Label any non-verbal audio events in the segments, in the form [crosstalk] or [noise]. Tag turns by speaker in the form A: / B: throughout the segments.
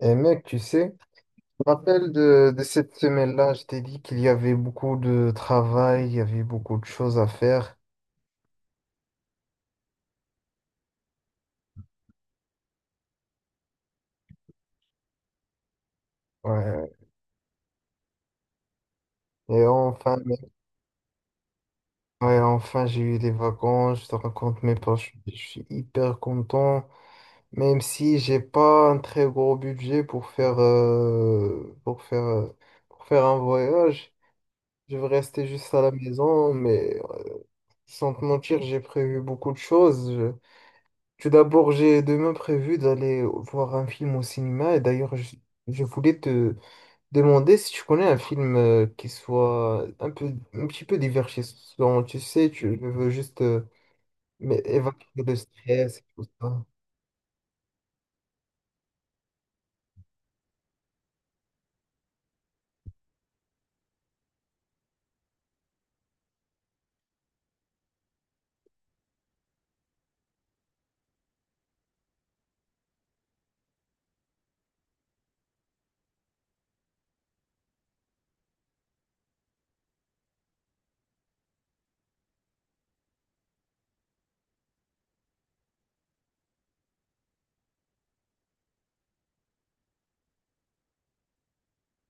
A: Et mec, tu sais, je me rappelle de cette semaine-là, je t'ai dit qu'il y avait beaucoup de travail, il y avait beaucoup de choses à faire. Ouais. Et enfin, mec, ouais, enfin j'ai eu des vacances, je te raconte mes poches, je suis hyper content, même si j'ai pas un très gros budget pour faire, pour faire, pour faire un voyage. Je vais rester juste à la maison, mais sans te mentir, j'ai prévu beaucoup de choses. Tout d'abord, j'ai demain prévu d'aller voir un film au cinéma et d'ailleurs, je voulais te demander si tu connais un film qui soit un peu, un petit peu divertissant. Tu sais, je veux juste évacuer le stress et tout ça.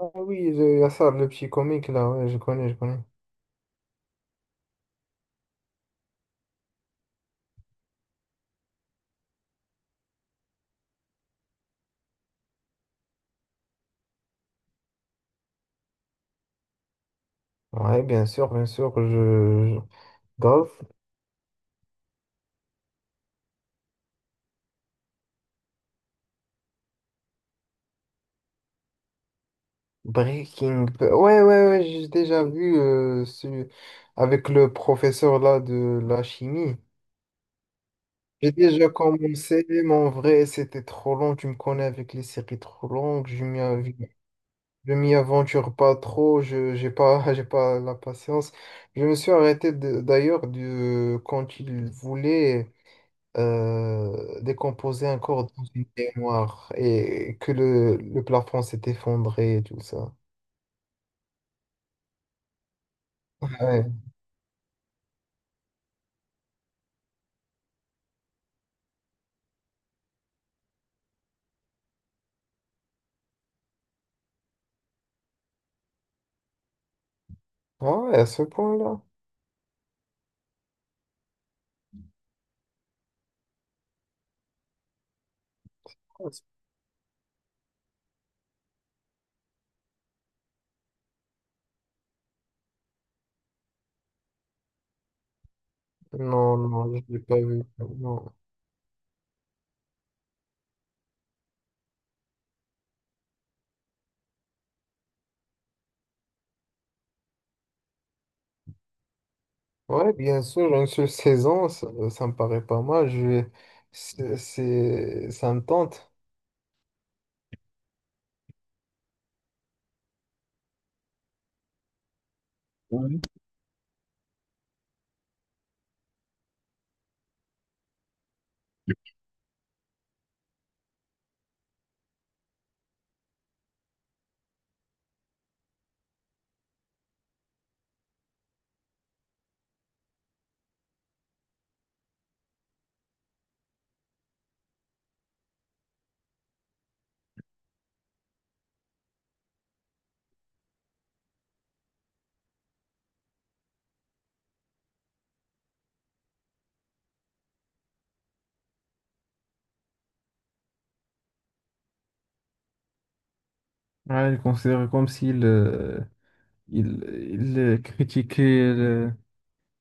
A: Ah oui, il y a ça, le petit comique là, ouais, je connais, je connais. Ouais, bien sûr, grave. Breaking Bad. Ouais, ouais, ouais, j'ai déjà vu avec le professeur là de la chimie. J'ai déjà commencé, mais en vrai, c'était trop long. Tu me connais avec les séries trop longues. Je m'y aventure pas trop. Je j'ai pas, [laughs] j'ai pas la patience. Je me suis arrêté d'ailleurs de, quand il voulait décomposer un corps dans une noire et que le plafond s'est effondré et tout ça. Ouais. Ah ouais, à ce point-là. Non, non, je l'ai pas vu. Non. Ouais, bien sûr, une seule saison, ça me paraît pas mal. C'est, ça me tente. Ouais, il considère comme s'il il, il, critiquait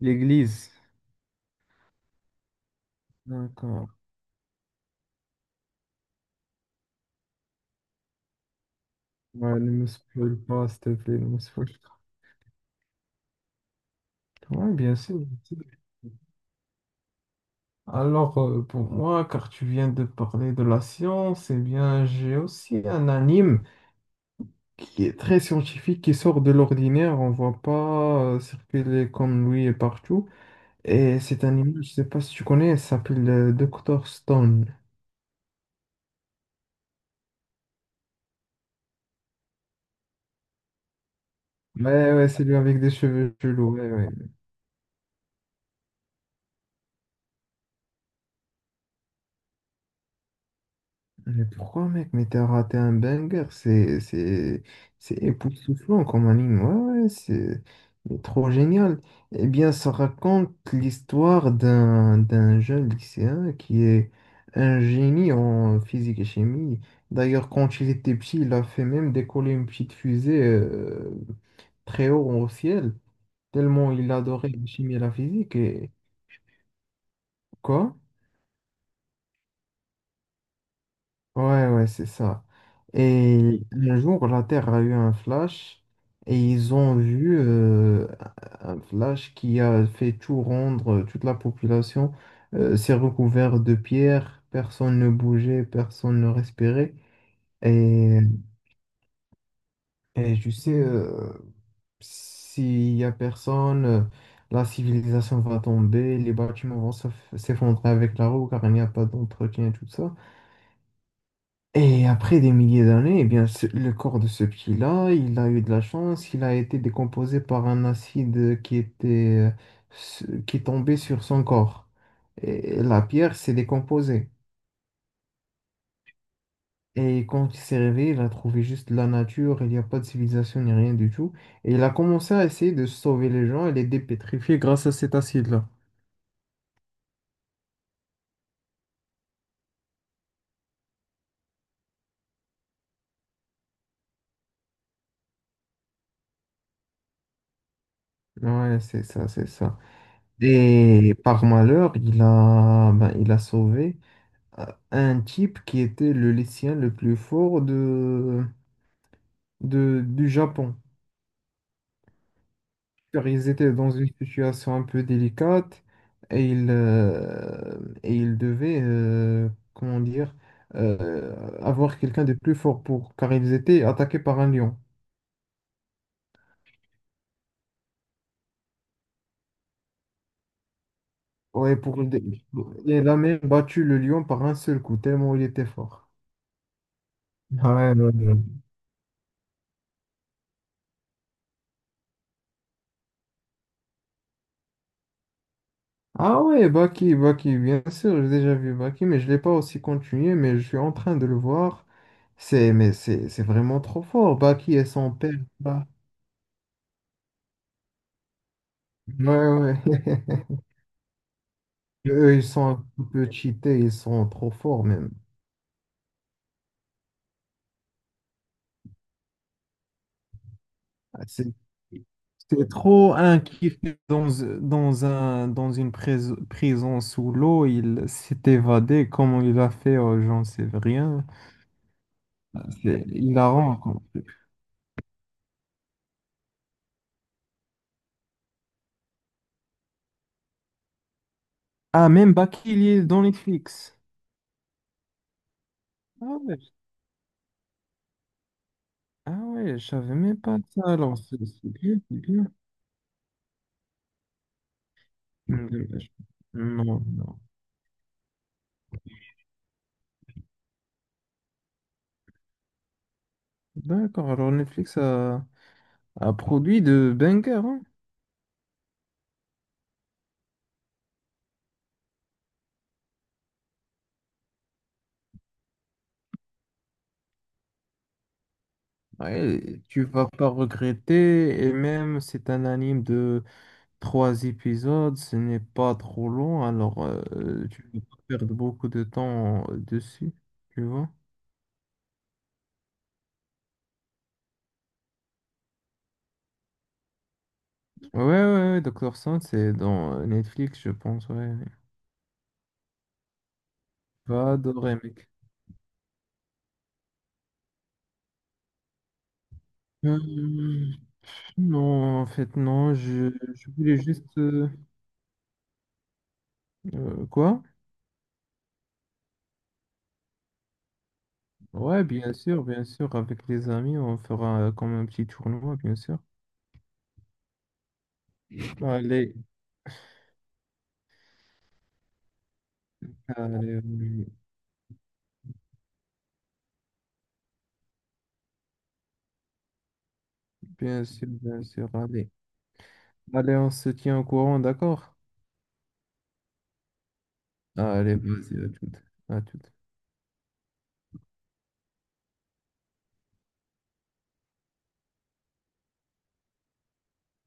A: l'Église. D'accord. Ouais, ne me spoil pas, s'il te plaît, ne me spoil pas. Ouais, bien sûr. Bien sûr. Alors, pour moi, car tu viens de parler de la science, eh bien, j'ai aussi un anime qui est très scientifique, qui sort de l'ordinaire, on ne voit pas circuler comme lui partout. Et cet animal, je ne sais pas si tu connais, il s'appelle Dr. Stone. Ouais, ouais, c'est lui avec des cheveux chelous. Ouais, ouais. Mais pourquoi, mec? Mais t'as raté un banger. C'est époustouflant comme anime. Ouais, ouais, c'est mais trop génial. Eh bien, ça raconte l'histoire d'un jeune lycéen qui est un génie en physique et chimie. D'ailleurs, quand il était petit, il a fait même décoller une petite fusée très haut au ciel, tellement il adorait la chimie et la physique. Et quoi? Ouais, ouais, c'est ça. Et un jour, la Terre a eu un flash et ils ont vu un flash qui a fait tout rendre, toute la population s'est recouverte de pierres, personne ne bougeait, personne ne respirait. Et, et tu sais, s'il y a personne, la civilisation va tomber, les bâtiments vont s'effondrer avec la roue car il n'y a pas d'entretien et tout ça. Et après des milliers d'années, eh bien, le corps de ce pied-là, il a eu de la chance, il a été décomposé par un acide qui était, qui tombait sur son corps. Et la pierre s'est décomposée. Et quand il s'est réveillé, il a trouvé juste la nature, il n'y a pas de civilisation ni rien du tout. Et il a commencé à essayer de sauver les gens et les dépétrifier grâce à cet acide-là. Ouais, c'est ça, c'est ça. Et par malheur, il a, ben, il a sauvé à un type qui était le lycéen le plus fort du Japon. Car ils étaient dans une situation un peu délicate et et ils devaient, comment dire, euh, avoir quelqu'un de plus fort pour, car ils étaient attaqués par un lion. Ouais, pour, et il a même battu le lion par un seul coup, tellement il était fort. Ouais, ouais, ouais. Ah ouais, Baki, Baki, bien sûr, j'ai déjà vu Baki, mais je ne l'ai pas aussi continué, mais je suis en train de le voir. C'est vraiment trop fort, Baki et son père là. Ouais, ouais. [laughs] Eux, ils sont un petit peu cheatés, ils sont trop forts même. Ah, c'est trop un kiff dans, dans une prison sous l'eau, il s'est évadé, comment il a fait, j'en sais rien. Ah, c'est hilarant. Quoi. Ah, même Baki, il est dans Netflix. Ah ouais. Ah ouais, je savais même pas ça. Alors, c'est bien, c'est bien. Mm. Non, non. D'accord, alors a produit de bangers, hein. Ouais, tu vas pas regretter. Et même, c'est un anime de trois épisodes. Ce n'est pas trop long, alors tu vas pas perdre beaucoup de temps dessus. Tu vois? Ouais, ouais, ouais, Docteur Stone, c'est dans Netflix, je pense. Ouais. Va adorer, mec. Euh, Non, en fait, non, je voulais juste… quoi? Ouais, bien sûr, avec les amis, on fera comme un petit tournoi, bien sûr. Allez, allez, bien sûr, allez. Allez, on se tient au courant, d'accord? Allez, vas-y, à tout. À tout.